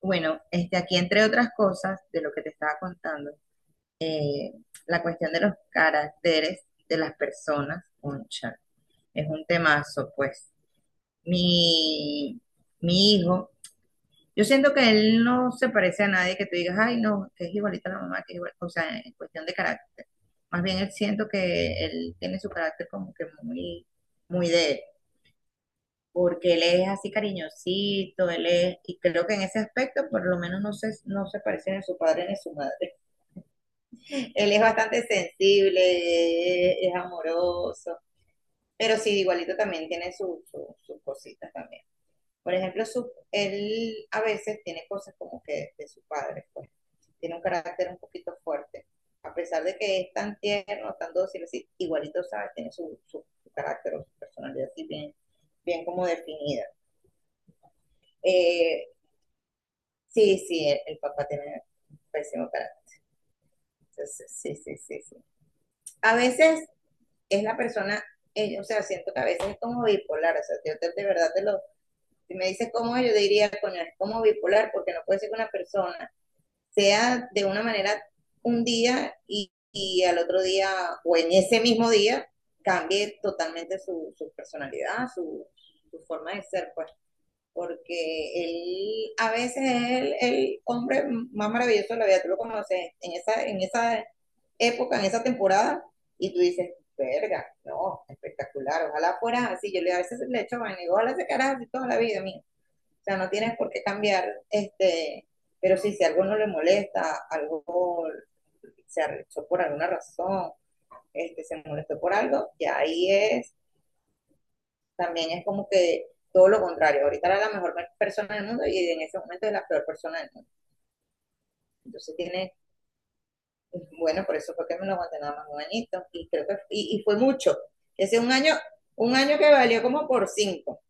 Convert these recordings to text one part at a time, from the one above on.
Bueno, este, aquí entre otras cosas de lo que te estaba contando, eh, la cuestión de los caracteres de las personas, concha, es un temazo, pues. Mi, mi hijo, yo siento que él no se parece a nadie que tú digas, ay, no, que es igualita a la mamá, que es igual, o sea, en cuestión de carácter. Más bien él siento que él tiene su carácter como que muy, muy de él porque él es así cariñosito, él es, y creo que en ese aspecto por lo menos no se parece ni a su padre ni a su madre. Él es bastante sensible, es amoroso, pero sí, igualito también tiene sus cositas también. Por ejemplo, él a veces tiene cosas como que de su padre, pues tiene un carácter un poquito fuerte. A pesar de que es tan tierno, tan dócil, así, igualito, ¿sabes? Tiene su, su, su carácter o su personalidad así bien, bien como definida. Eh, Sí, sí, el papá tiene pésimo carácter. Entonces, sí, sí, sí, sí. A veces es la persona, o sea, siento que a veces es como bipolar, o sea, de verdad te lo, si me dices cómo es, yo diría, coño, es como bipolar, porque no puede ser que una persona sea de una manera un día y al otro día, o en ese mismo día, cambie totalmente su personalidad, su forma de ser, pues. Porque él a veces es el hombre más maravilloso de la vida, tú lo conoces en esa época, en esa temporada, y tú dices, verga, no, espectacular, ojalá fuera así, yo le a veces le echo vaina, y digo, ojalá se quedara así toda la vida, mía. O sea, no tienes por qué cambiar, este, pero sí, si algo no le molesta, algo se arrechó por alguna razón, este, se molestó por algo, y ahí es también es como que todo lo contrario. Ahorita era la mejor persona del mundo y en ese momento es la peor persona del mundo. Entonces tiene, bueno, por eso fue que me lo aguanté nada más un añito y creo que, y fue mucho. Ese un año que valió como por cinco.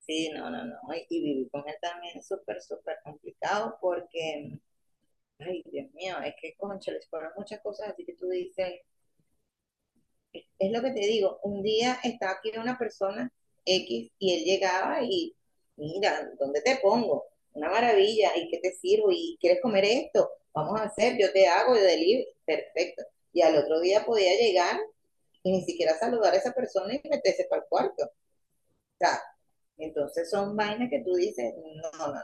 Sí, no, no, no. Y vivir con él también es súper, súper complicado porque, ay, Dios mío, es que, concha, les fueron muchas cosas así que tú dices, es lo que te digo, un día estaba aquí una persona X y él llegaba y, mira, ¿dónde te pongo? Una maravilla, ¿y qué te sirvo? ¿Y quieres comer esto? Vamos a hacer, yo te hago, yo delivery, perfecto. Y al otro día podía llegar y ni siquiera saludar a esa persona y meterse para el cuarto. O sea, entonces son vainas que tú dices, no, no, no.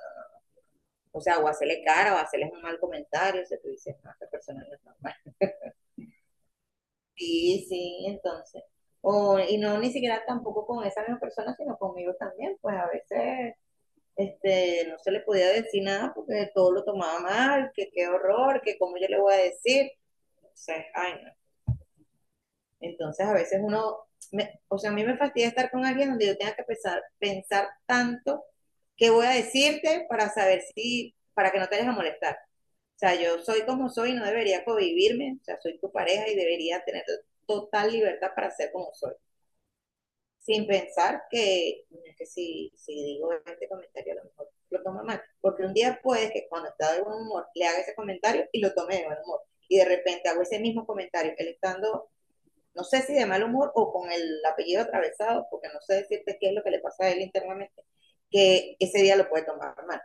O sea, o hacerle cara o hacerles un mal comentario, o sea, tú dices, no, esta persona no es normal. Sí, sí, entonces. O, y no ni siquiera tampoco con esa misma persona, sino conmigo también, pues a veces este, no se le podía decir nada porque todo lo tomaba mal, que qué horror, que cómo yo le voy a decir. Entonces, ay, no. Entonces a veces uno, o sea, a mí me fastidia estar con alguien donde yo tenga que pensar, pensar tanto qué voy a decirte para saber si, para que no te vayas a molestar. O sea, yo soy como soy, y no debería convivirme, o sea, soy tu pareja y debería tener total libertad para ser como soy. Sin pensar que, si digo este comentario a lo mejor lo tomo mal, porque un día puede que cuando está de buen humor le haga ese comentario y lo tome de buen humor, y de repente hago ese mismo comentario, él estando, no sé si de mal humor o con el apellido atravesado, porque no sé decirte qué es lo que le pasa a él internamente, que ese día lo puede tomar mal,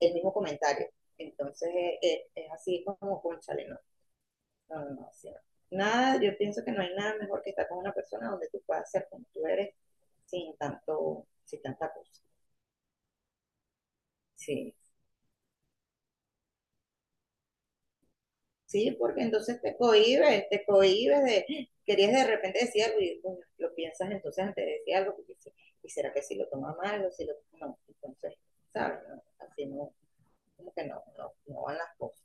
el mismo comentario. Entonces es así como, con chale, ¿no? No, no, no, sí. Nada, yo pienso que no hay nada mejor que estar con una persona donde tú puedas ser como tú eres sin tanto, sin tanta cosa. Sí, sí, porque entonces te cohibes de, querías de repente decir algo y bueno, lo piensas entonces antes de decir algo, porque sí, y será que si lo toma mal o si lo, no, entonces, ¿sabes? No, así no, como que no, no, no van las cosas.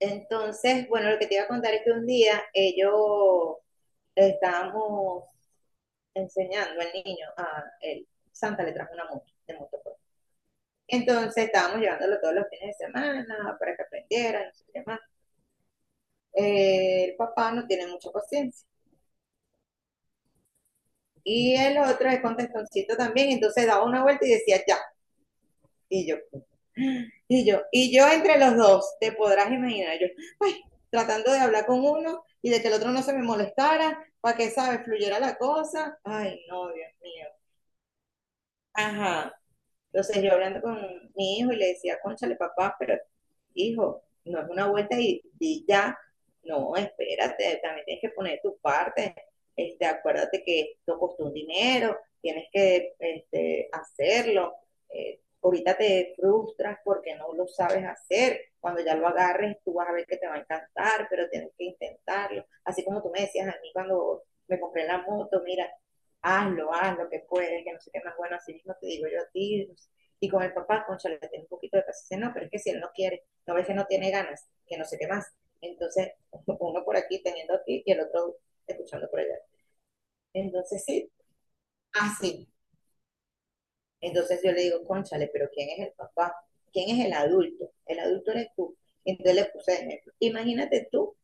Entonces, bueno, lo que te iba a contar es que un día ellos estábamos enseñando al niño a él. Santa le trajo una moto de motocross. Entonces estábamos llevándolo todos los fines de semana para que aprendiera, no sé qué más. El papá no tiene mucha paciencia. Y el otro es contestoncito también, entonces daba una vuelta y decía ya. Y yo, y yo entre los dos, te podrás imaginar, yo, ay, tratando de hablar con uno y de que el otro no se me molestara, para que, ¿sabes?, fluyera la cosa. Ay, no, Dios mío. Ajá. Entonces yo hablando con mi hijo y le decía, cónchale papá, pero hijo, no es una vuelta y ya, no, espérate, también tienes que poner tu parte, este, acuérdate que esto costó un dinero, tienes que este, hacerlo, ahorita te frustras porque no lo sabes hacer, cuando ya lo agarres tú vas a ver que te va a encantar, pero tienes que intentarlo, así como tú me decías a mí cuando me compré la moto, mira, hazlo, haz lo que puedes, que no sé qué más bueno, así mismo te digo yo a ti. Y con el papá, concha, le tengo un poquito de paciencia, no, pero es que si él no quiere, no ves que no tiene ganas, que no sé qué más. Entonces, uno por aquí teniendo aquí y el otro escuchando por allá. Entonces, sí, así. Entonces yo le digo, cónchale pero ¿quién es el papá? ¿Quién es el adulto? El adulto eres tú. Entonces le puse ejemplo. Imagínate tú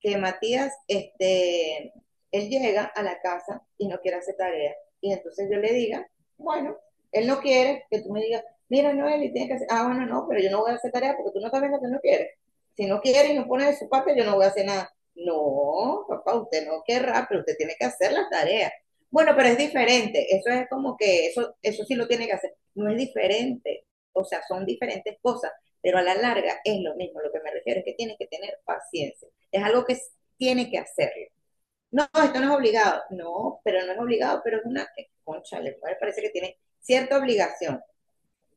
que Matías, este, él llega a la casa y no quiere hacer tarea. Y entonces yo le diga, bueno, él no quiere, que tú me digas, mira, Noel, y tienes que hacer, ah, bueno, no, pero yo no voy a hacer tarea porque tú no sabes lo que no quieres. Si no quiere y no pone de su parte, yo no voy a hacer nada. No, papá, usted no querrá, pero usted tiene que hacer las tareas. Bueno, pero es diferente. Eso es como que eso sí lo tiene que hacer. No es diferente. O sea, son diferentes cosas, pero a la larga es lo mismo. Lo que me refiero es que tienes que tener paciencia es algo que tiene que hacerlo. No, esto no es obligado. No, pero no es obligado, pero es una que, concha, le parece que tiene cierta obligación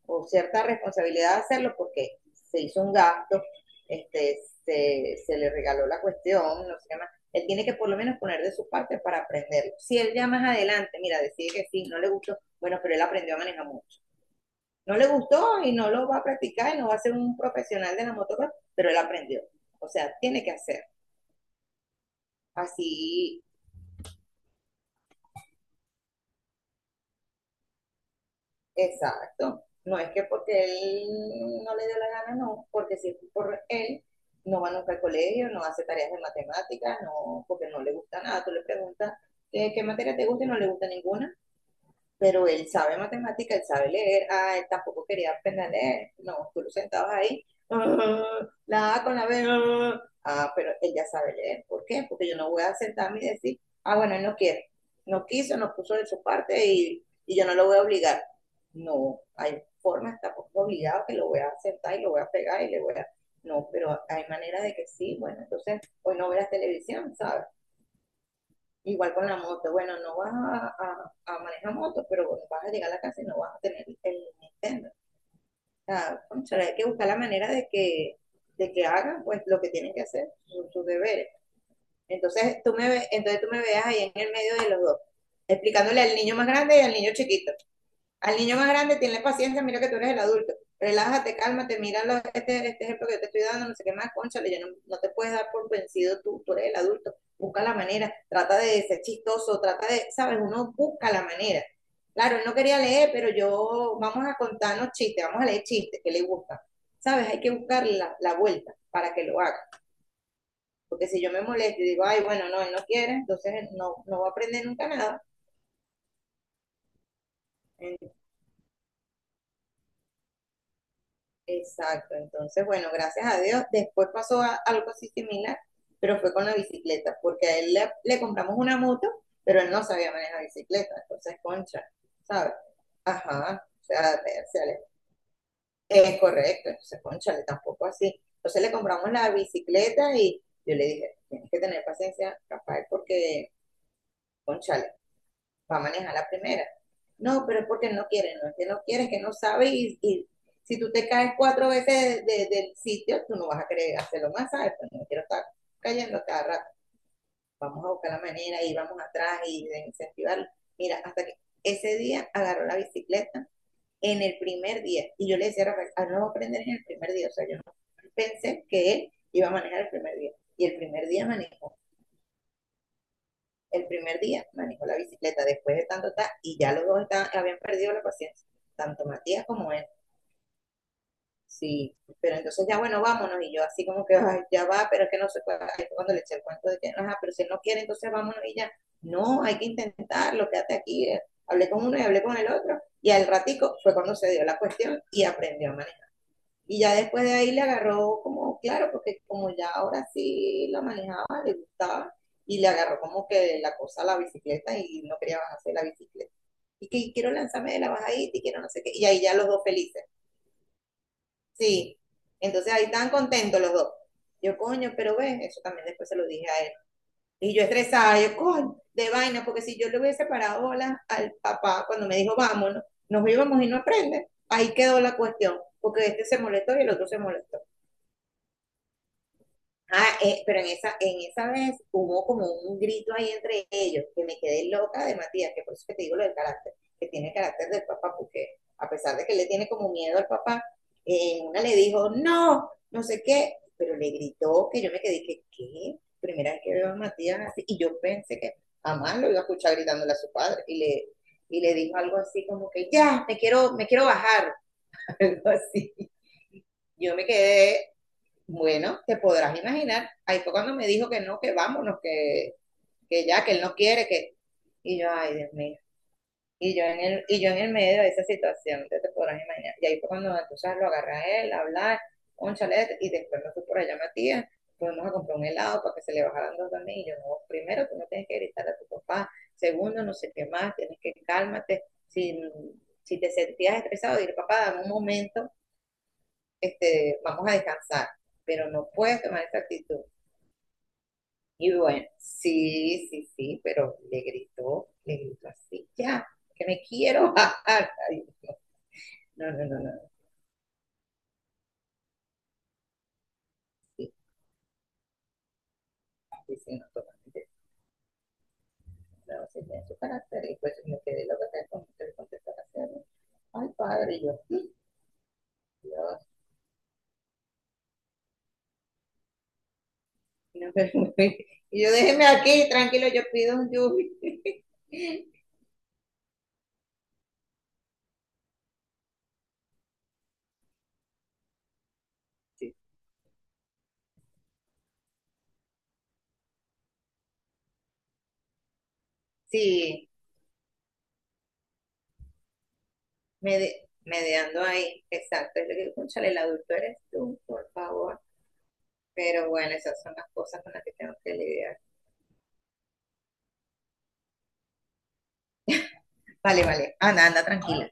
o cierta responsabilidad de hacerlo porque se hizo un gasto, este, se le regaló la cuestión, no sé qué más. Él tiene que por lo menos poner de su parte para aprenderlo. Si él ya más adelante, mira, decide que sí, no le gustó, bueno, pero él aprendió a manejar mucho. No le gustó y no lo va a practicar y no va a ser un profesional de la motocross, pero él aprendió. O sea, tiene que hacer. Así exacto. No es que porque él no le dé la gana, no, porque si es por él, no va nunca al colegio, no hace tareas de matemáticas, no, porque no le gusta nada. Tú le preguntas qué materia te gusta y no le gusta ninguna pero él sabe matemática, él sabe leer, ah, él tampoco quería aprender a leer, no, tú lo sentabas ahí, ah, la A con la B, ah, ah, pero él ya sabe leer, ¿por qué? Porque yo no voy a sentarme y decir, ah, bueno, él no quiere, no quiso, no puso de su parte y yo no lo voy a obligar. No, hay formas, tampoco obligado que lo voy a sentar y lo voy a pegar y le voy a... No, pero hay maneras de que sí, bueno, entonces hoy no verás televisión, ¿sabes? Igual con la moto, bueno, no vas a, a manejar moto, pero bueno, vas a llegar a la casa y no vas a tener el Nintendo. O sea, cónchale, hay que buscar la manera de que hagan pues lo que tienen que hacer, sus deberes. Entonces tú me veas ahí en el medio de los dos, explicándole al niño más grande y al niño chiquito. Al niño más grande, tiene paciencia, mira que tú eres el adulto. Relájate, cálmate, mira este ejemplo que yo te estoy dando, no sé qué más, cónchale, yo no, no te puedes dar por vencido tú, eres el adulto. Busca la manera, trata de ser chistoso, trata de, ¿sabes? Uno busca la manera. Claro, él no quería leer, pero yo, vamos a contarnos chistes, vamos a leer chistes que le gustan. ¿Sabes? Hay que buscar la vuelta para que lo haga. Porque si yo me molesto y digo, ay, bueno, no, él no quiere, entonces no va a aprender nunca nada. Exacto, entonces, bueno, gracias a Dios. Después pasó algo así similar, pero fue con la bicicleta, porque a él le compramos una moto, pero él no sabía manejar bicicleta, entonces, concha, ¿sabes? Ajá, o sea, es correcto, entonces, concha, tampoco así. Entonces le compramos la bicicleta y yo le dije, tienes que tener paciencia, Rafael, porque, va a manejar la primera. No, pero es porque no quiere, no es que no quiere, es que no sabe y si tú te caes cuatro veces del sitio, tú no vas a querer hacerlo más, ¿sabes? Pues no quiero estar cayendo cada rato. Vamos a buscar la manera y vamos atrás y de incentivarlo. Mira, hasta que ese día agarró la bicicleta en el primer día. Y yo le decía a Rafael, ah, no va a aprender en el primer día. O sea, yo no pensé que él iba a manejar el primer día. Y el primer día manejó el primer día manejó la bicicleta después de tanto tal, y ya los dos habían perdido la paciencia, tanto Matías como él. Sí, pero entonces ya bueno, vámonos, y yo así como que "Ay, ya va, pero es que no se puede, cuando le eché el cuento de que, ajá, pero si él no quiere, entonces vámonos y ya, no, hay que intentarlo, quédate aquí, eh". Hablé con uno y hablé con el otro, y al ratico fue cuando se dio la cuestión y aprendió a manejar. Y ya después de ahí le agarró como, claro, porque como ya ahora sí la manejaba, le gustaba, y le agarró como que la cosa a la bicicleta y no quería bajarse de la bicicleta. Y quiero lanzarme de la bajadita y quiero no sé qué. Y ahí ya los dos felices. Sí. Entonces ahí estaban contentos los dos. Yo, coño, pero ven, eso también después se lo dije a él. Y yo estresada, yo, coño, de vaina, porque si yo le hubiese parado bolas al papá cuando me dijo, vámonos, nos íbamos y no aprende, ahí quedó la cuestión, porque este se molestó y el otro se molestó. Ah, pero en en esa vez hubo como un grito ahí entre ellos, que me quedé loca de Matías, que por eso que te digo lo del carácter, que tiene el carácter del papá, porque a pesar de que le tiene como miedo al papá, una le dijo, no, no sé qué, pero le gritó que yo me quedé, que, ¿qué? Primera vez que veo a Matías así, y yo pensé que jamás lo iba a escuchar gritándole a su padre, y le dijo algo así como que, ya, me quiero bajar, algo así. Yo me quedé bueno, te podrás imaginar. Ahí fue cuando me dijo que no, que vámonos, que ya, que él no quiere, que. Y yo, ay, Dios mío. Y yo y yo en el medio de esa situación, que te podrás imaginar. Y ahí fue cuando entonces lo agarré a él, a hablar, un chalet, y después me fui por allá a Matías, fuimos a comprar un helado para que se le bajaran dos también. Y yo, no, primero tú no tienes que gritar a tu papá, segundo, no sé qué más, tienes que cálmate. Si, si te sentías estresado, dile, papá, dame un momento, este, vamos a descansar, pero no puedes tomar esa actitud. Y bueno, sí, sí, sí, pero le gritó así, ya, que me quiero bajar. Ay, no, no, no, no, no, sí, sí, sí, no, totalmente. No, sí, tiene su carácter, y pues me quedé loca con usted, ay, padre, y yo, Dios, no, pero, y yo déjeme aquí, tranquilo, yo pido un yubi. Sí, sí, mediando ahí, exacto. Yo le digo, cónchale, el adulto eres tú, por favor. Pero bueno, esas son las cosas con las que tengo que lidiar. Vale, vale. Anda, anda, tranquila.